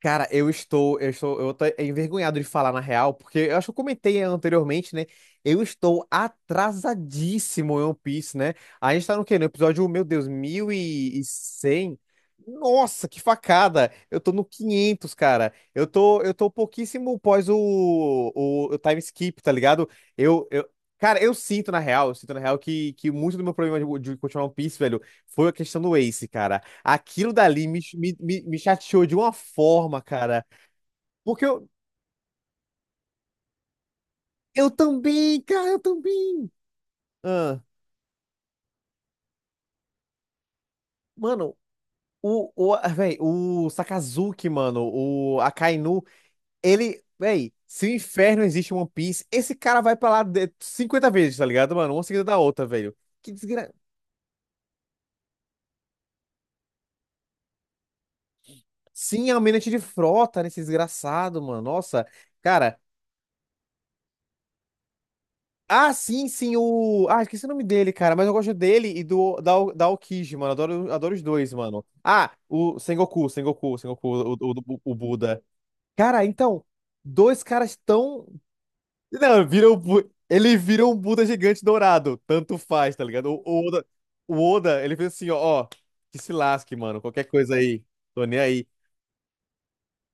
Cara, eu tô envergonhado de falar na real, porque eu acho que eu comentei anteriormente, né? Eu estou atrasadíssimo em One Piece, né? A gente tá no quê? No episódio, meu Deus, 1100? Nossa, que facada! Eu tô no 500, cara. Eu tô pouquíssimo pós o time skip, tá ligado? Eu, eu, cara, eu sinto na real que muito do meu problema de continuar One Piece, velho, foi a questão do Ace, cara. Aquilo dali me chateou de uma forma, cara. Porque eu também, cara, eu também. Ah, mano, ah, véi, o Sakazuki, mano, o Akainu, ele, véi, se o inferno existe em One Piece, esse cara vai pra lá de- 50 vezes, tá ligado, mano? Uma seguida da outra, velho. Que desgra... Sim, é um almirante de frota, né, esse desgraçado, mano. Nossa, cara. Ah, sim, sim, o. Ah, esqueci o nome dele, cara, mas eu gosto dele e da Aokiji, mano. Adoro, adoro os dois, mano. Ah, o Sengoku, o Buda. Cara, então, dois caras tão. Não, viram. Ele virou um Buda gigante dourado. Tanto faz, tá ligado? O Oda, ele fez assim, ó, que se lasque, mano. Qualquer coisa aí. Tô nem aí.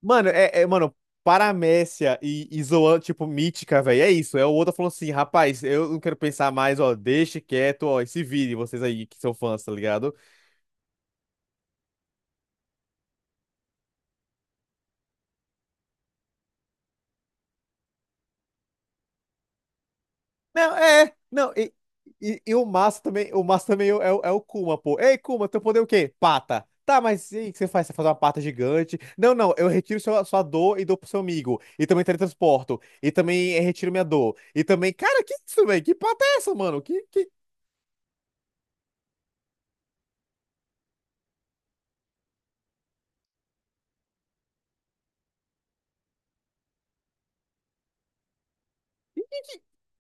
Mano, mano, paramécia e zoando, tipo, mítica, velho. É isso. É o outro falando assim, rapaz, eu não quero pensar mais, ó, deixe quieto, ó, e se virem vocês aí que são fãs, tá ligado? Não, é, não, e o Massa também é o Kuma, pô. Ei, Kuma, teu poder é o quê? Pata. Tá, mas e aí, o que você faz? Você faz uma pata gigante? Não, não, eu retiro sua dor e dou pro seu amigo. E também teletransporto. E também retiro minha dor. E também, cara, que isso, velho? Que pata é essa, mano? Que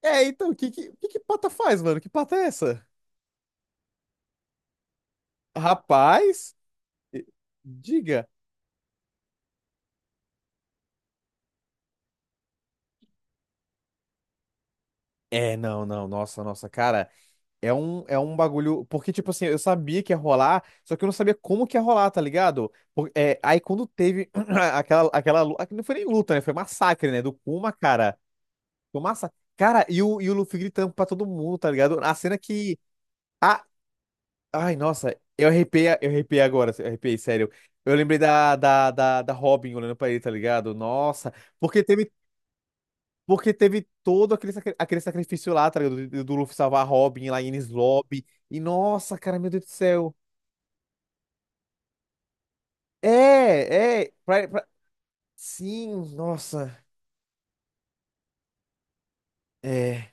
É, então, que que pata faz, mano? Que pata é essa? Rapaz, e- diga. É, não, não, nossa, nossa, cara, é um bagulho. Porque, tipo assim, eu sabia que ia rolar, só que eu não sabia como que ia rolar, tá ligado? É, aí quando teve aquela. Não foi nem luta, né? Foi massacre, né? Do Kuma, cara. Foi massa. Cara, e o Luffy gritando pra todo mundo, tá ligado? A cena que. A Ai, nossa, eu arrepiei agora, eu arrepiei, sério. Eu lembrei da Robin olhando pra ele, tá ligado? Nossa, porque teve, porque teve todo aquele sacrifício lá, tá ligado? Do Luffy salvar a Robin lá em Enies Lobby. E nossa, cara, meu Deus do céu. É, é, pra- pra- sim, nossa, é.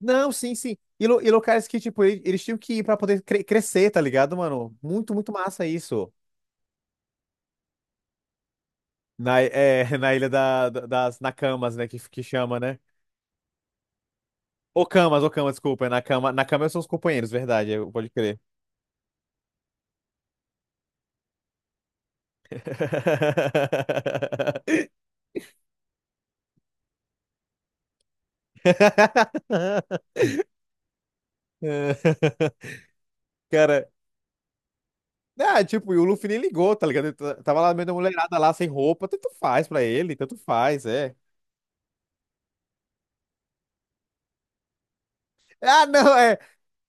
Não, sim, sim. E locais que, tipo, eles tinham que ir pra poder crescer, tá ligado, mano? Muito, muito massa isso. É, na ilha das Nakamas, né, que chama, né? Ô, Camas, desculpa. É na cama, na cama são os companheiros, verdade, pode crer. É, cara, ah, tipo, e o Luffy nem ligou, tá ligado? Ele tava lá meio da mulherada lá, sem roupa, tanto faz pra ele, tanto faz, é. Ah, não, é.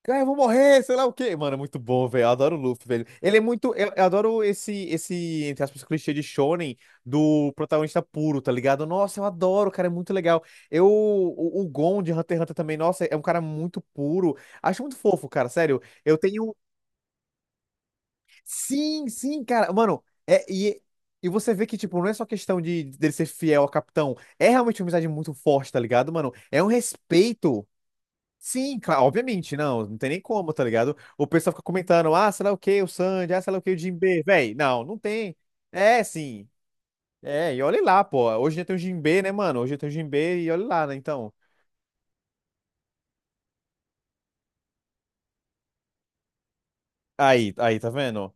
Cara, eu vou morrer, sei lá o quê. Mano, é muito bom, velho. Eu adoro o Luffy, velho. Ele é muito. Eu adoro esse, entre aspas, clichê de shonen do protagonista puro, tá ligado? Nossa, eu adoro, cara, é muito legal. Eu. O Gon de Hunter x Hunter também, nossa, é um cara muito puro. Acho muito fofo, cara, sério. Eu tenho. Sim, sim, cara. Mano, é. E você vê que, tipo, não é só questão de dele ser fiel ao capitão. É realmente uma amizade muito forte, tá ligado, mano? É um respeito. Sim, claro, obviamente, não, não tem nem como, tá ligado? O pessoal fica comentando, ah, sei lá o que, o Sandy, ah, sei lá o que, o Jinbe. Véi, não, não tem. É, sim. É, e olha lá, pô. Hoje já tem o Jinbe, né, mano? Hoje já tem o Jinbe e olha lá, né, então. Aí, aí, tá vendo?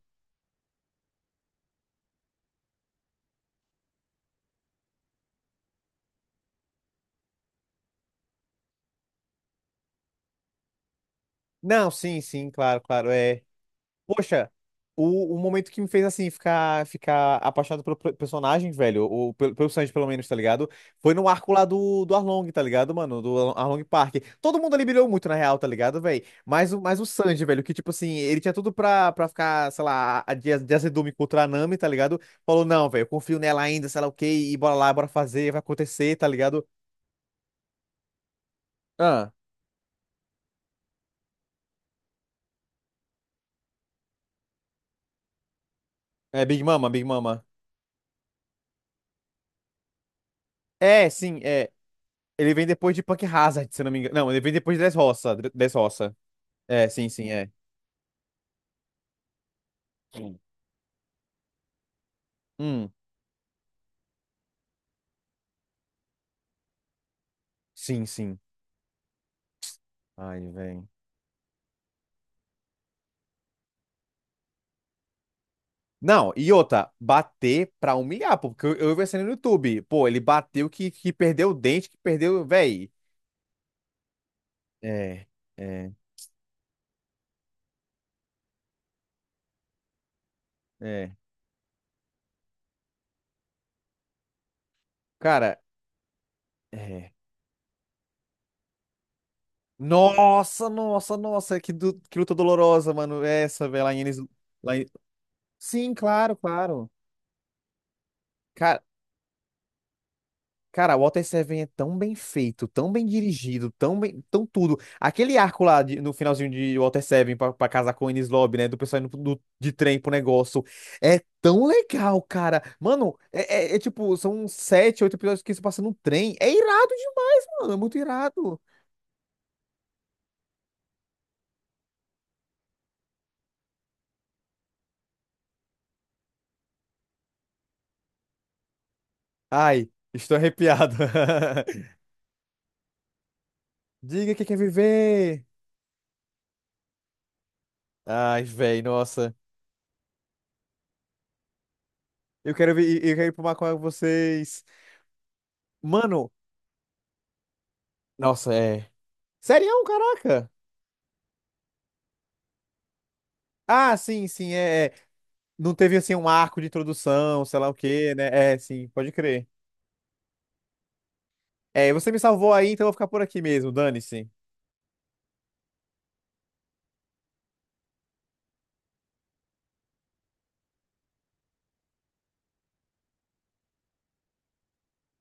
Não, sim, sim, claro, claro, é. Poxa, o momento que me fez assim ficar apaixonado pelo personagem, velho, ou pelo Sanji pelo menos, tá ligado? Foi no arco lá do Arlong, tá ligado, mano? Do Arlong Park. Todo mundo ali brilhou muito, na real, tá ligado, velho? Mas, mas o Sanji, velho, que tipo assim, ele tinha tudo pra ficar, sei lá, de azedume contra a Nami, tá ligado? Falou, não, velho, eu confio nela ainda, sei lá o quê, e bora lá, bora fazer, vai acontecer, tá ligado? Ah, é Big Mama, Big Mama. É, sim, é. Ele vem depois de Punk Hazard, se não me engano. Não, ele vem depois de Dressrosa, Dressrosa. É. Sim. Hum, sim, sim. Ai, velho. Não, e outra, bater pra humilhar, pô, porque eu vi essa no YouTube. Pô, ele bateu que perdeu o dente, que perdeu, velho. É, é, é. Cara, é. Nossa, nossa, nossa, que luta dolorosa, mano. Essa, velho, lá em Enes. Lá em... Sim, claro, claro. Cara, o Water Seven é tão bem feito, tão bem dirigido, tão bem, tão tudo. Aquele arco lá no finalzinho de Water Seven pra casar com o Enies Lobby, né? Do pessoal indo de trem pro negócio. É tão legal, cara. Mano, é tipo, são sete, oito episódios que se passa no trem. É irado demais, mano. É muito irado. Ai, estou arrepiado. Diga que quer viver. Ai, véi, nossa. Eu quero ir pro mar com vocês. Mano, nossa, é. Serião, caraca. Ah, sim, sim, é. É. Não teve assim um arco de introdução, sei lá o quê, né? É, sim, pode crer. É, você me salvou aí, então eu vou ficar por aqui mesmo, dane-se.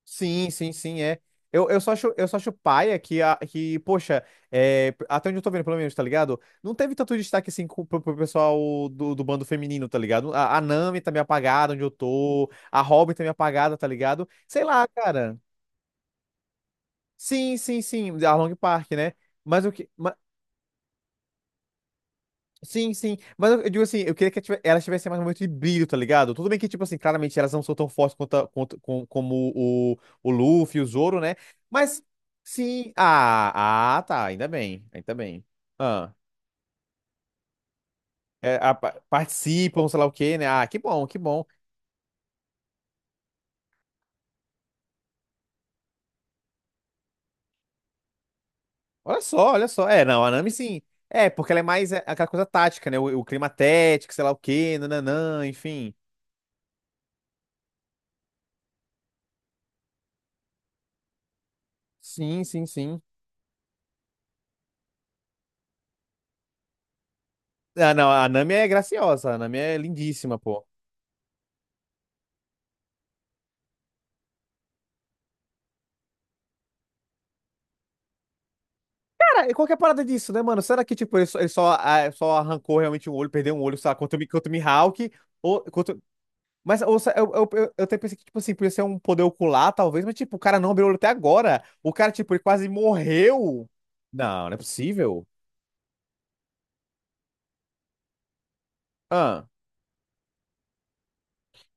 Sim, sim, sim, é. Eu só acho paia que poxa, é, até onde eu tô vendo, pelo menos, tá ligado? Não teve tanto destaque assim pro pessoal do bando feminino, tá ligado? A Nami tá meio apagada onde eu tô, a Robin tá meio apagada, tá ligado? Sei lá, cara. Sim, sim, sim, a Long Park, né? Mas o que. Sim, sim. Mas eu digo assim, eu queria que elas tivessem mais um momento de brilho, tá ligado? Tudo bem que, tipo assim, claramente elas não são tão fortes quanto, a- quanto- com- como o Luffy, e o Zoro, né? Mas sim. Ah, tá. Ainda bem. Ainda bem. Ah, é, participam, sei lá o quê, né? Ah, que bom, que bom. Olha só, olha só. É, não, a Nami sim. É, porque ela é mais é, aquela coisa tática, né? O clima tético, sei lá o quê, nananã, enfim. Sim, sim, sim. Ah, não, a Nami é graciosa, a Nami é lindíssima, pô. Cara, e qual que é a parada disso, né, mano? Será que, tipo, ele só arrancou realmente um olho, perdeu um olho, sei lá, contra o Mihawk? Ou, contra... Mas ou, se- eu até pensei que, tipo assim, podia ser um poder ocular, talvez, mas, tipo, o cara não abriu o olho até agora. O cara, tipo, ele quase morreu. Não, não é possível. Ah,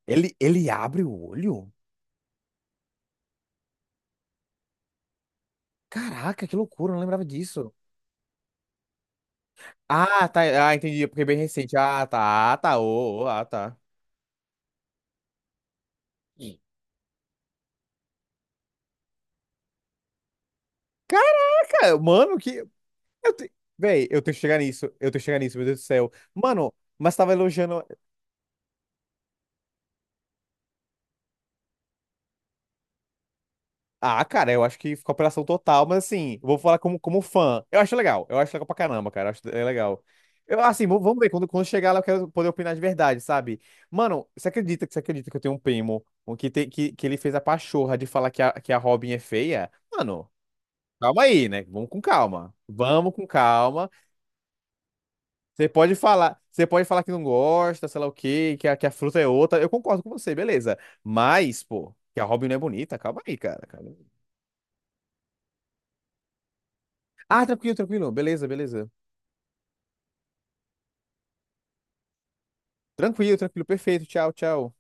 ele abre o olho? Caraca, que loucura, eu não lembrava disso. Ah, tá, ah, entendi, porque é bem recente. Ah, tá, ah, tá, ô, ô, ah, tá. Caraca, mano, que. Eu te... Véi, eu tenho que chegar nisso. Eu tenho que chegar nisso, meu Deus do céu. Mano, mas tava elogiando. Ah, cara, eu acho que ficou apelação total, mas assim, eu vou falar como fã. Eu acho legal. Eu acho legal pra caramba, cara. Eu acho é legal. Eu, assim, vamos ver. Quando chegar lá, eu quero poder opinar de verdade, sabe? Mano, você acredita que eu tenho um primo que ele fez a pachorra de falar que a Robin é feia? Mano, calma aí, né? Vamos com calma. Vamos com calma. Você pode falar que não gosta, sei lá o quê, que a fruta é outra. Eu concordo com você, beleza. Mas, pô, que a Robin não é bonita, calma aí, cara. Calma aí. Ah, tranquilo, tranquilo. Beleza, beleza. Tranquilo, tranquilo, perfeito. Tchau, tchau.